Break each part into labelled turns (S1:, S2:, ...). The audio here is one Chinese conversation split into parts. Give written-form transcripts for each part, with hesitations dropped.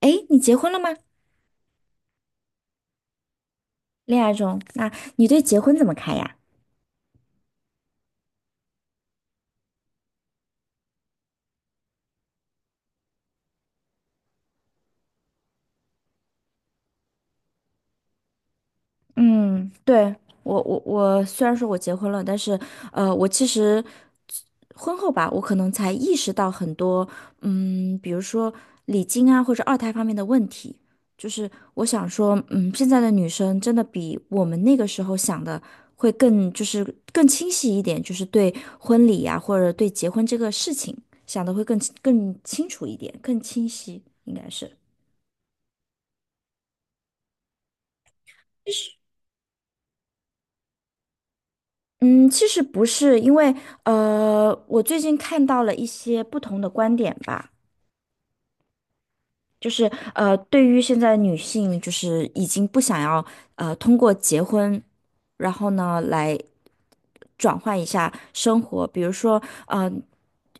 S1: 诶，你结婚了吗？恋爱中，那你对结婚怎么看呀？嗯，对，我虽然说我结婚了，但是我其实婚后吧，我可能才意识到很多，嗯，比如说礼金啊或者二胎方面的问题。就是我想说，嗯，现在的女生真的比我们那个时候想的会更，就是清晰一点，就是对婚礼呀、或者对结婚这个事情想的会更清楚一点，更清晰，应该是。嗯，其实不是，因为我最近看到了一些不同的观点吧，就是呃，对于现在女性，就是已经不想要通过结婚，然后呢来转换一下生活，比如说呃，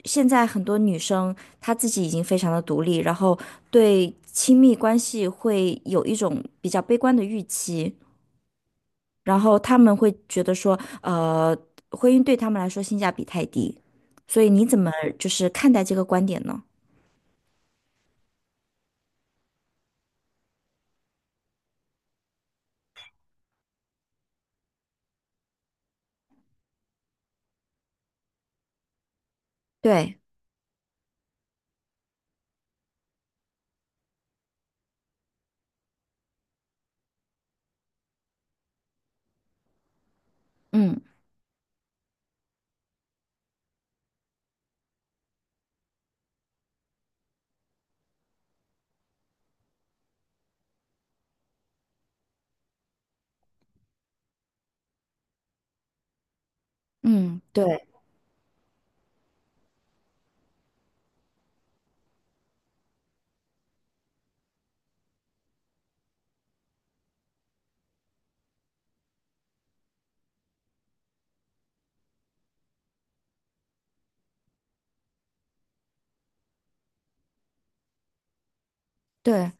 S1: 现在很多女生她自己已经非常的独立，然后对亲密关系会有一种比较悲观的预期。然后他们会觉得说，婚姻对他们来说性价比太低，所以你怎么就是看待这个观点呢？对，嗯嗯，对对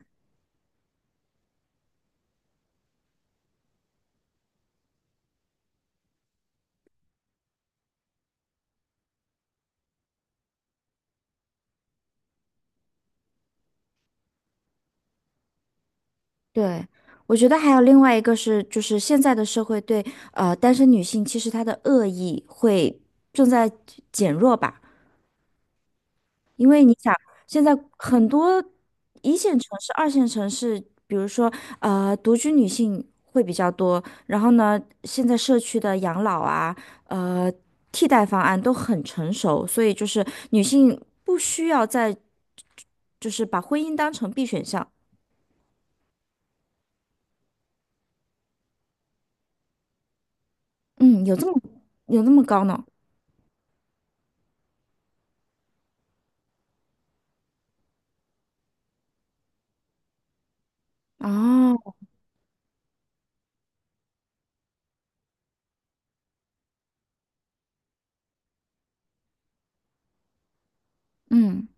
S1: 对，我觉得还有另外一个是，就是现在的社会对单身女性其实她的恶意会正在减弱吧。因为你想，现在很多一线城市、二线城市，比如说独居女性会比较多。然后呢，现在社区的养老啊，呃，替代方案都很成熟，所以就是女性不需要再就是把婚姻当成 B 选项。嗯，有这么有那么高呢？哦，嗯。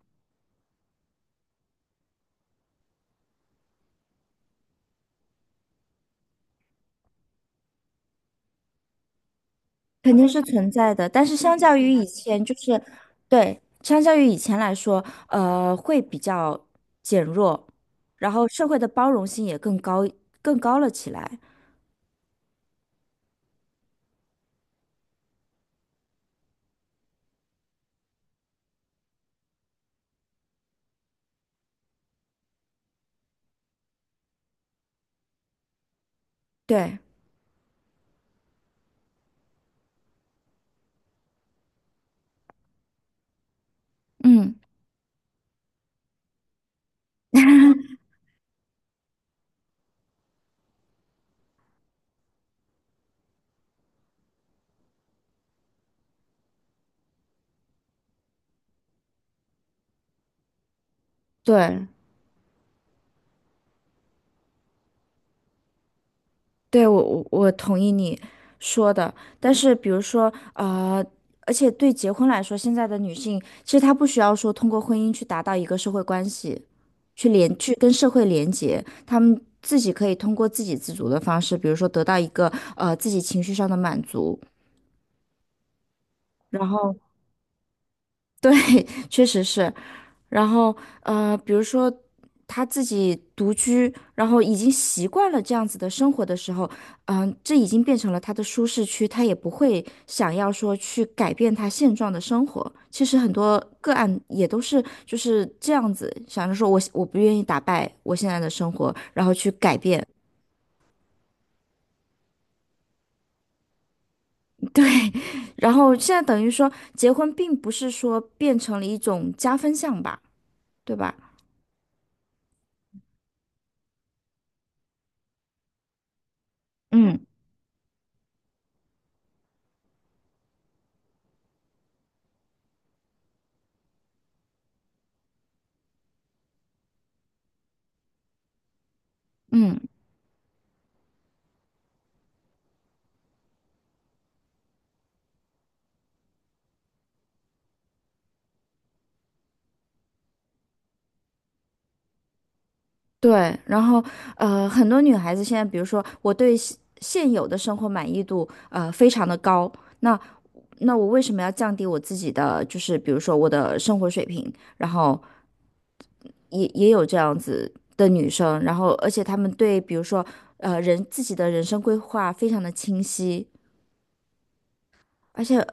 S1: 肯定是存在的，但是相较于以前，就是对，相较于以前来说，会比较减弱，然后社会的包容性也更高，更高了起来。对，嗯，对，对，我同意你说的，但是比如说，呃，而且对结婚来说，现在的女性其实她不需要说通过婚姻去达到一个社会关系，去跟社会连接，她们自己可以通过自给自足的方式，比如说得到一个自己情绪上的满足，然后对，确实是，然后比如说他自己独居，然后已经习惯了这样子的生活的时候，嗯、这已经变成了他的舒适区，他也不会想要说去改变他现状的生活。其实很多个案也都是就是这样子，想着说我不愿意打败我现在的生活，然后去改变。然后现在等于说结婚并不是说变成了一种加分项吧，对吧？嗯嗯。对，然后很多女孩子现在，比如说我对现有的生活满意度非常的高，那那我为什么要降低我自己的，就是比如说我的生活水平？然后也有这样子的女生，然后而且她们对比如说自己的人生规划非常的清晰，而且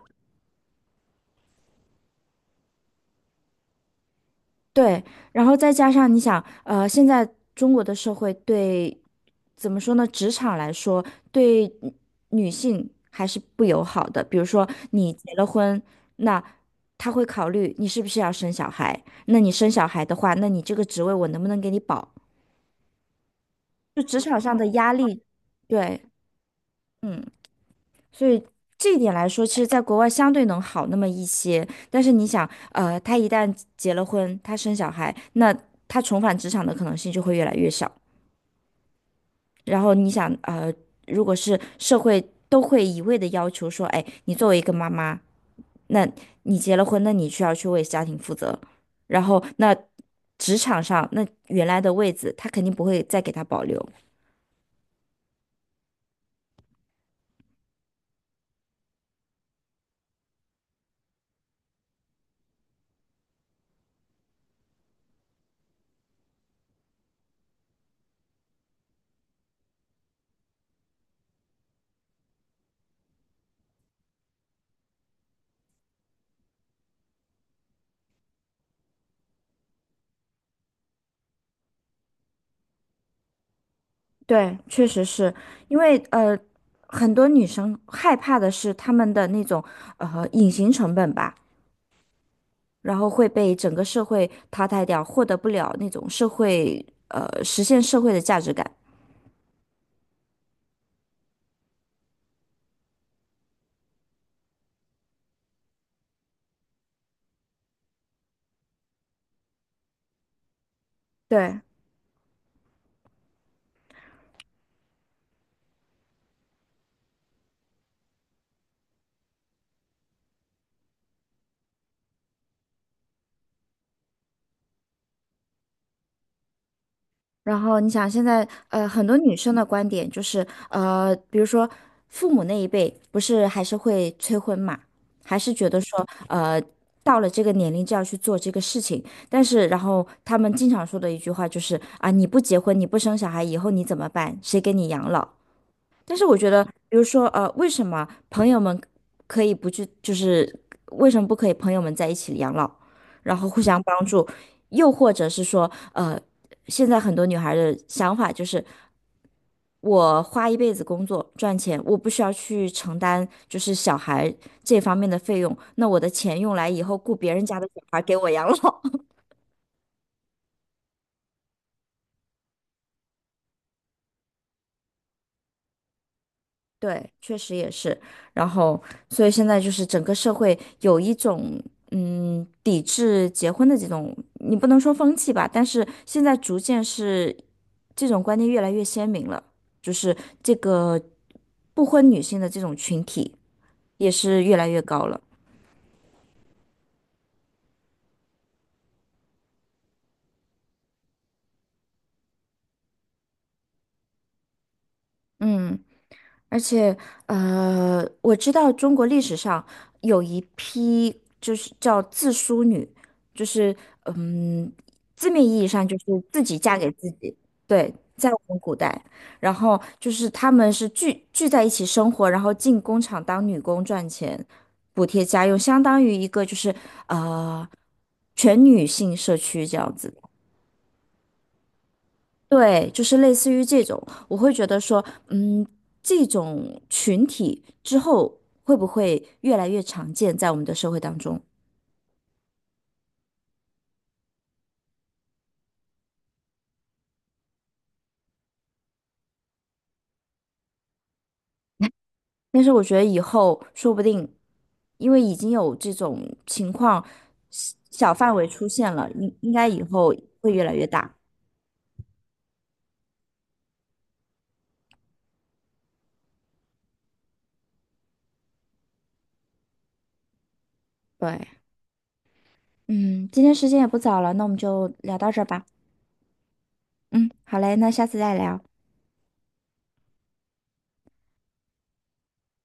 S1: 对，然后再加上你想，现在中国的社会对，怎么说呢？职场来说，对女性还是不友好的。比如说，你结了婚，那他会考虑你是不是要生小孩。那你生小孩的话，那你这个职位我能不能给你保？就职场上的压力，对，嗯。所以这一点来说，其实在国外相对能好那么一些。但是你想，他一旦结了婚，他生小孩，那他重返职场的可能性就会越来越小。然后你想，如果是社会都会一味的要求说，哎，你作为一个妈妈，那你结了婚，那你需要去为家庭负责。然后那职场上，那原来的位子，他肯定不会再给他保留。对，确实是因为很多女生害怕的是她们的那种隐形成本吧，然后会被整个社会淘汰掉，获得不了那种社会实现社会的价值感。对。然后你想，现在很多女生的观点就是，比如说父母那一辈，不是还是会催婚嘛，还是觉得说，到了这个年龄就要去做这个事情。但是，然后他们经常说的一句话就是，啊，你不结婚，你不生小孩，以后你怎么办？谁给你养老？但是我觉得，比如说，为什么朋友们可以不去，就是为什么不可以朋友们在一起养老，然后互相帮助？又或者是说，现在很多女孩的想法就是，我花一辈子工作赚钱，我不需要去承担就是小孩这方面的费用，那我的钱用来以后雇别人家的小孩给我养老。对，确实也是。然后，所以现在就是整个社会有一种嗯抵制结婚的这种，你不能说风气吧，但是现在逐渐是这种观念越来越鲜明了，就是这个不婚女性的这种群体也是越来越高了。嗯。而且，我知道中国历史上有一批就是叫自梳女，就是嗯，字面意义上就是自己嫁给自己，对，在我们古代，然后就是她们是聚在一起生活，然后进工厂当女工赚钱，补贴家用，相当于一个就是全女性社区这样子。对，就是类似于这种，我会觉得说，嗯，这种群体之后会不会越来越常见在我们的社会当中？但是我觉得以后说不定，因为已经有这种情况小范围出现了，应该以后会越来越大。对，嗯，今天时间也不早了，那我们就聊到这儿吧。嗯，好嘞，那下次再聊。